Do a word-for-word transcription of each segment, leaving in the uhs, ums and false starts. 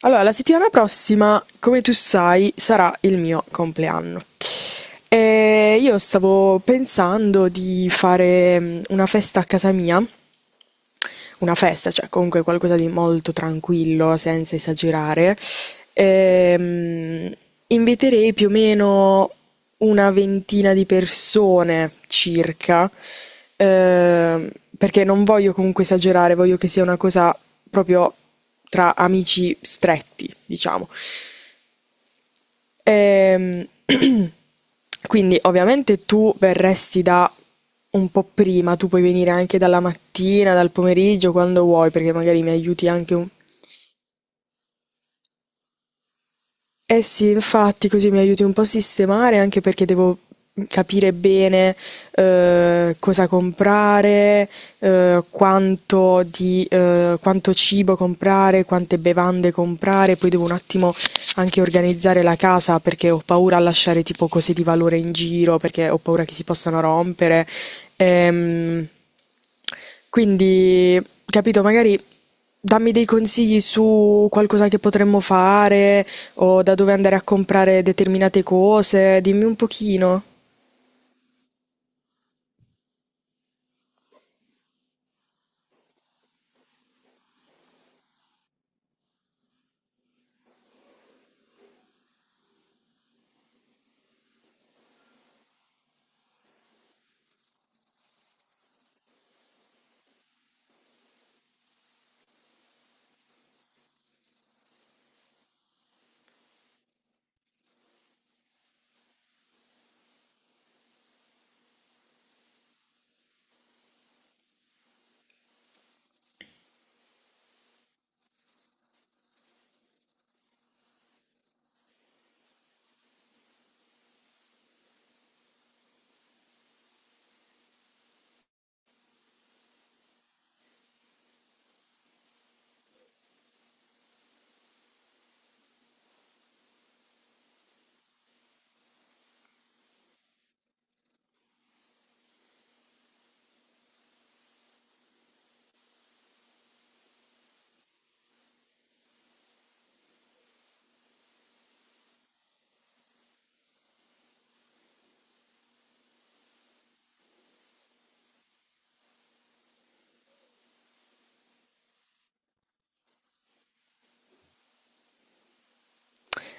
Allora, la settimana prossima, come tu sai, sarà il mio compleanno. E io stavo pensando di fare mm, una festa a casa mia, una festa, cioè comunque qualcosa di molto tranquillo, senza esagerare. Ehm, inviterei più o meno una ventina di persone circa, ehm, perché non voglio comunque esagerare, voglio che sia una cosa proprio tra amici stretti, diciamo. Ehm, quindi ovviamente tu verresti da un po' prima, tu puoi venire anche dalla mattina, dal pomeriggio, quando vuoi, perché magari mi aiuti anche un. Eh sì, infatti, così mi aiuti un po' a sistemare, anche perché devo capire bene eh, cosa comprare, eh, quanto di, eh, quanto cibo comprare, quante bevande comprare, poi devo un attimo anche organizzare la casa perché ho paura a lasciare tipo cose di valore in giro, perché ho paura che si possano rompere. Ehm, quindi, capito, magari dammi dei consigli su qualcosa che potremmo fare o da dove andare a comprare determinate cose, dimmi un pochino.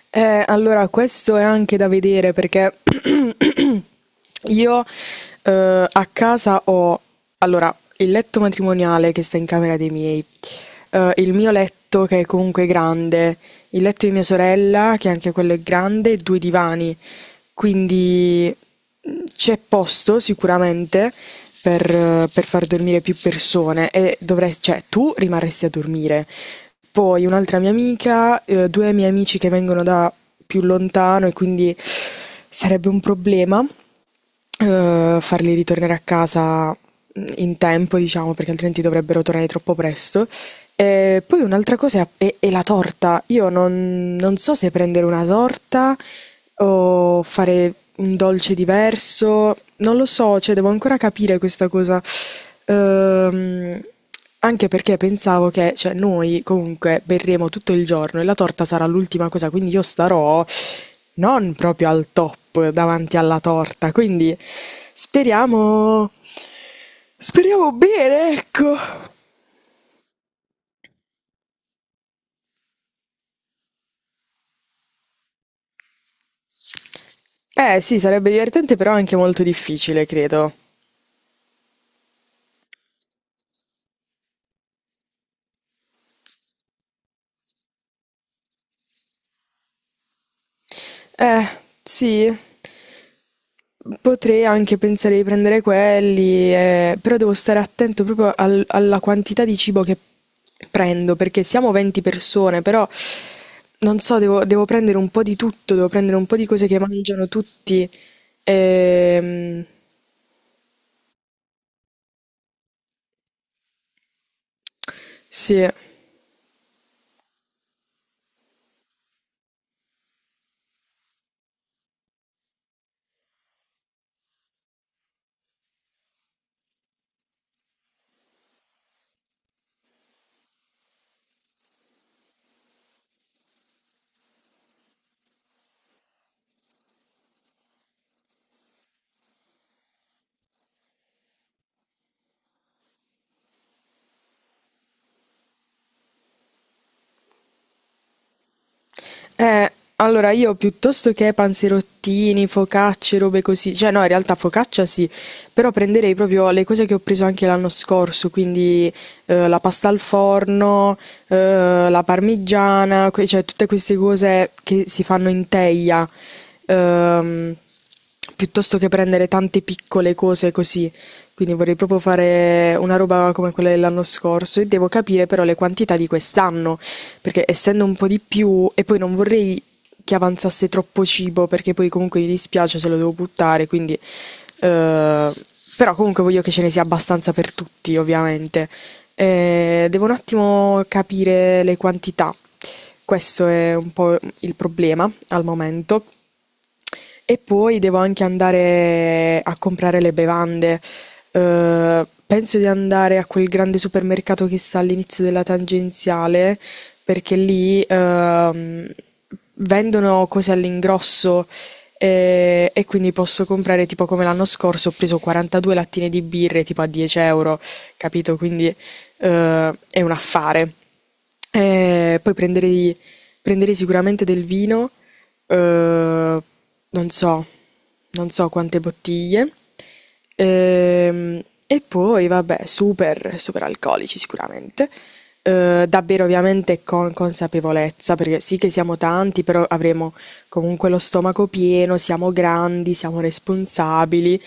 Eh, allora, questo è anche da vedere perché io, eh, a casa ho, allora, il letto matrimoniale che sta in camera dei miei, eh, il mio letto che è comunque grande, il letto di mia sorella che anche quello è grande, e due divani. Quindi mh, c'è posto sicuramente per, eh, per far dormire più persone e dovresti, cioè tu rimarresti a dormire. Poi un'altra mia amica, eh, due miei amici che vengono da più lontano e quindi sarebbe un problema, uhm, farli ritornare a casa mm, in tempo, diciamo, perché altrimenti dovrebbero tornare troppo presto. E poi un'altra cosa è è è la torta. Io non non so se prendere una torta o fare un dolce diverso, non lo so, cioè devo ancora capire questa cosa. Uhm, anche perché pensavo che, cioè noi comunque berremo tutto il giorno e la torta sarà l'ultima cosa, quindi io starò non proprio al top davanti alla torta, quindi speriamo speriamo bene, ecco. Eh sì, sarebbe divertente però anche molto difficile, credo. Eh, sì. Potrei anche pensare di prendere quelli, eh, però devo stare attento proprio al- alla quantità di cibo che prendo, perché siamo venti persone, però non so, devo, devo prendere un po' di tutto, devo prendere un po' di cose che mangiano tutti. Ehm, sì. Eh, allora io piuttosto che panzerottini, focacce, robe così, cioè no, in realtà focaccia sì, però prenderei proprio le cose che ho preso anche l'anno scorso, quindi eh, la pasta al forno, eh, la parmigiana, que- cioè tutte queste cose che si fanno in teglia, ehm, piuttosto che prendere tante piccole cose così. Quindi vorrei proprio fare una roba come quella dell'anno scorso e devo capire però le quantità di quest'anno, perché essendo un po' di più e poi non vorrei che avanzasse troppo cibo perché poi comunque mi dispiace se lo devo buttare, quindi eh, però comunque voglio che ce ne sia abbastanza per tutti, ovviamente. Eh, devo un attimo capire le quantità. Questo è un po' il problema al momento. E poi devo anche andare a comprare le bevande. Ehm, penso di andare a quel grande supermercato che sta all'inizio della tangenziale, perché lì ehm, vendono cose all'ingrosso, eh, e, quindi posso comprare, tipo come l'anno scorso, ho preso quarantadue lattine di birre tipo a dieci euro, capito? Quindi eh, è un affare. Eh, poi prenderei. Prenderei sicuramente del vino, uhm, non so, non so quante bottiglie, ehm, e poi vabbè super superalcolici sicuramente, uhm, da bere ovviamente con consapevolezza, perché sì che siamo tanti, però avremo comunque lo stomaco pieno, siamo grandi, siamo responsabili.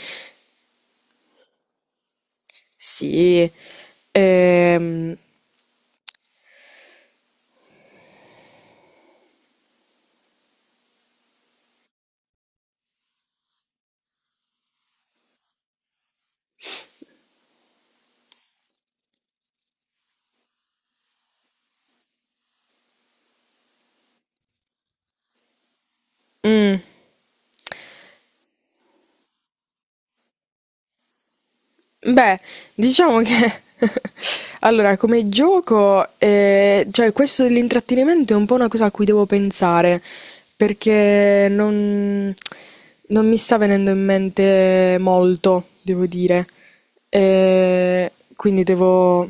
Sì, ehm, mh. Beh, diciamo che allora come gioco, eh, cioè questo dell'intrattenimento è un po' una cosa a cui devo pensare, perché non, non mi sta venendo in mente molto, devo dire. Eh, quindi devo...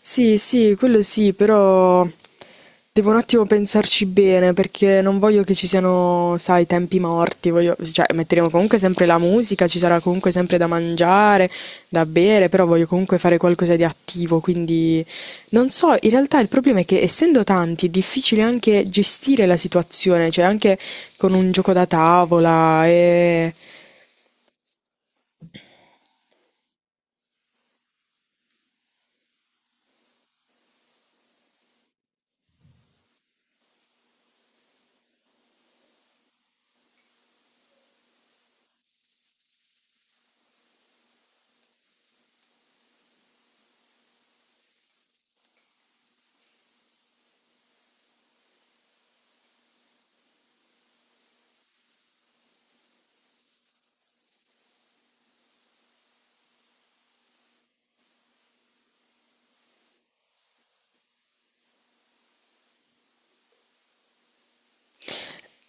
Sì, sì, quello sì, però devo un attimo pensarci bene perché non voglio che ci siano, sai, tempi morti, voglio, cioè metteremo comunque sempre la musica, ci sarà comunque sempre da mangiare, da bere, però voglio comunque fare qualcosa di attivo, quindi non so, in realtà il problema è che essendo tanti è difficile anche gestire la situazione, cioè anche con un gioco da tavola e...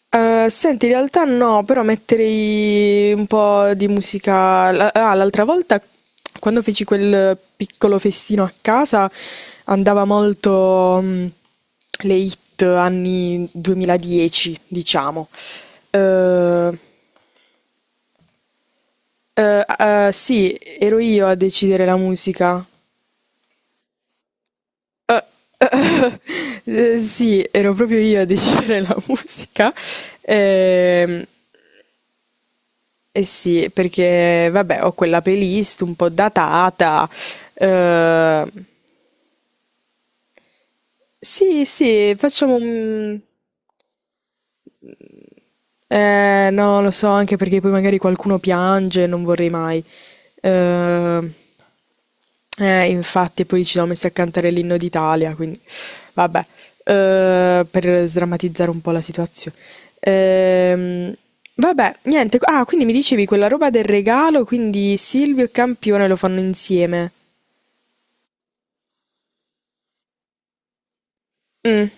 Eh, senti, in realtà no, però metterei un po' di musica. la- Ah, l'altra volta, quando feci quel piccolo festino a casa, andava molto, mh, le hit anni duemiladieci, diciamo. Eh, eh, eh, sì, ero io a decidere la musica. Eh, eh, sì, ero proprio io a decidere la musica. Ehm, Eh sì, perché vabbè, ho quella playlist un po' datata. eh, sì, sì, facciamo un... Eh, no, lo so, anche perché poi magari qualcuno piange, non vorrei mai. Eh, eh, infatti, poi ci siamo messi a cantare l'inno d'Italia, quindi vabbè, eh, per sdrammatizzare un po' la situazione. Ehm, vabbè, niente. Ah, quindi mi dicevi quella roba del regalo, quindi Silvio e Campione lo fanno insieme. Mh,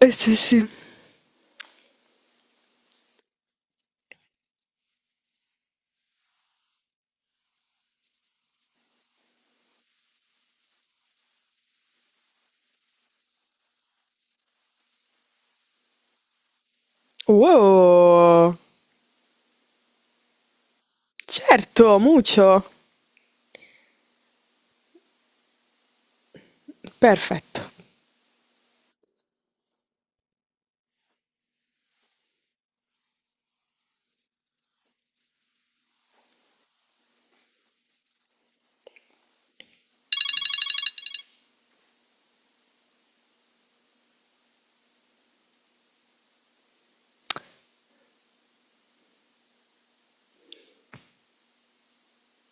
eh sì sì. Wow! Certo, mucho! Perfetto.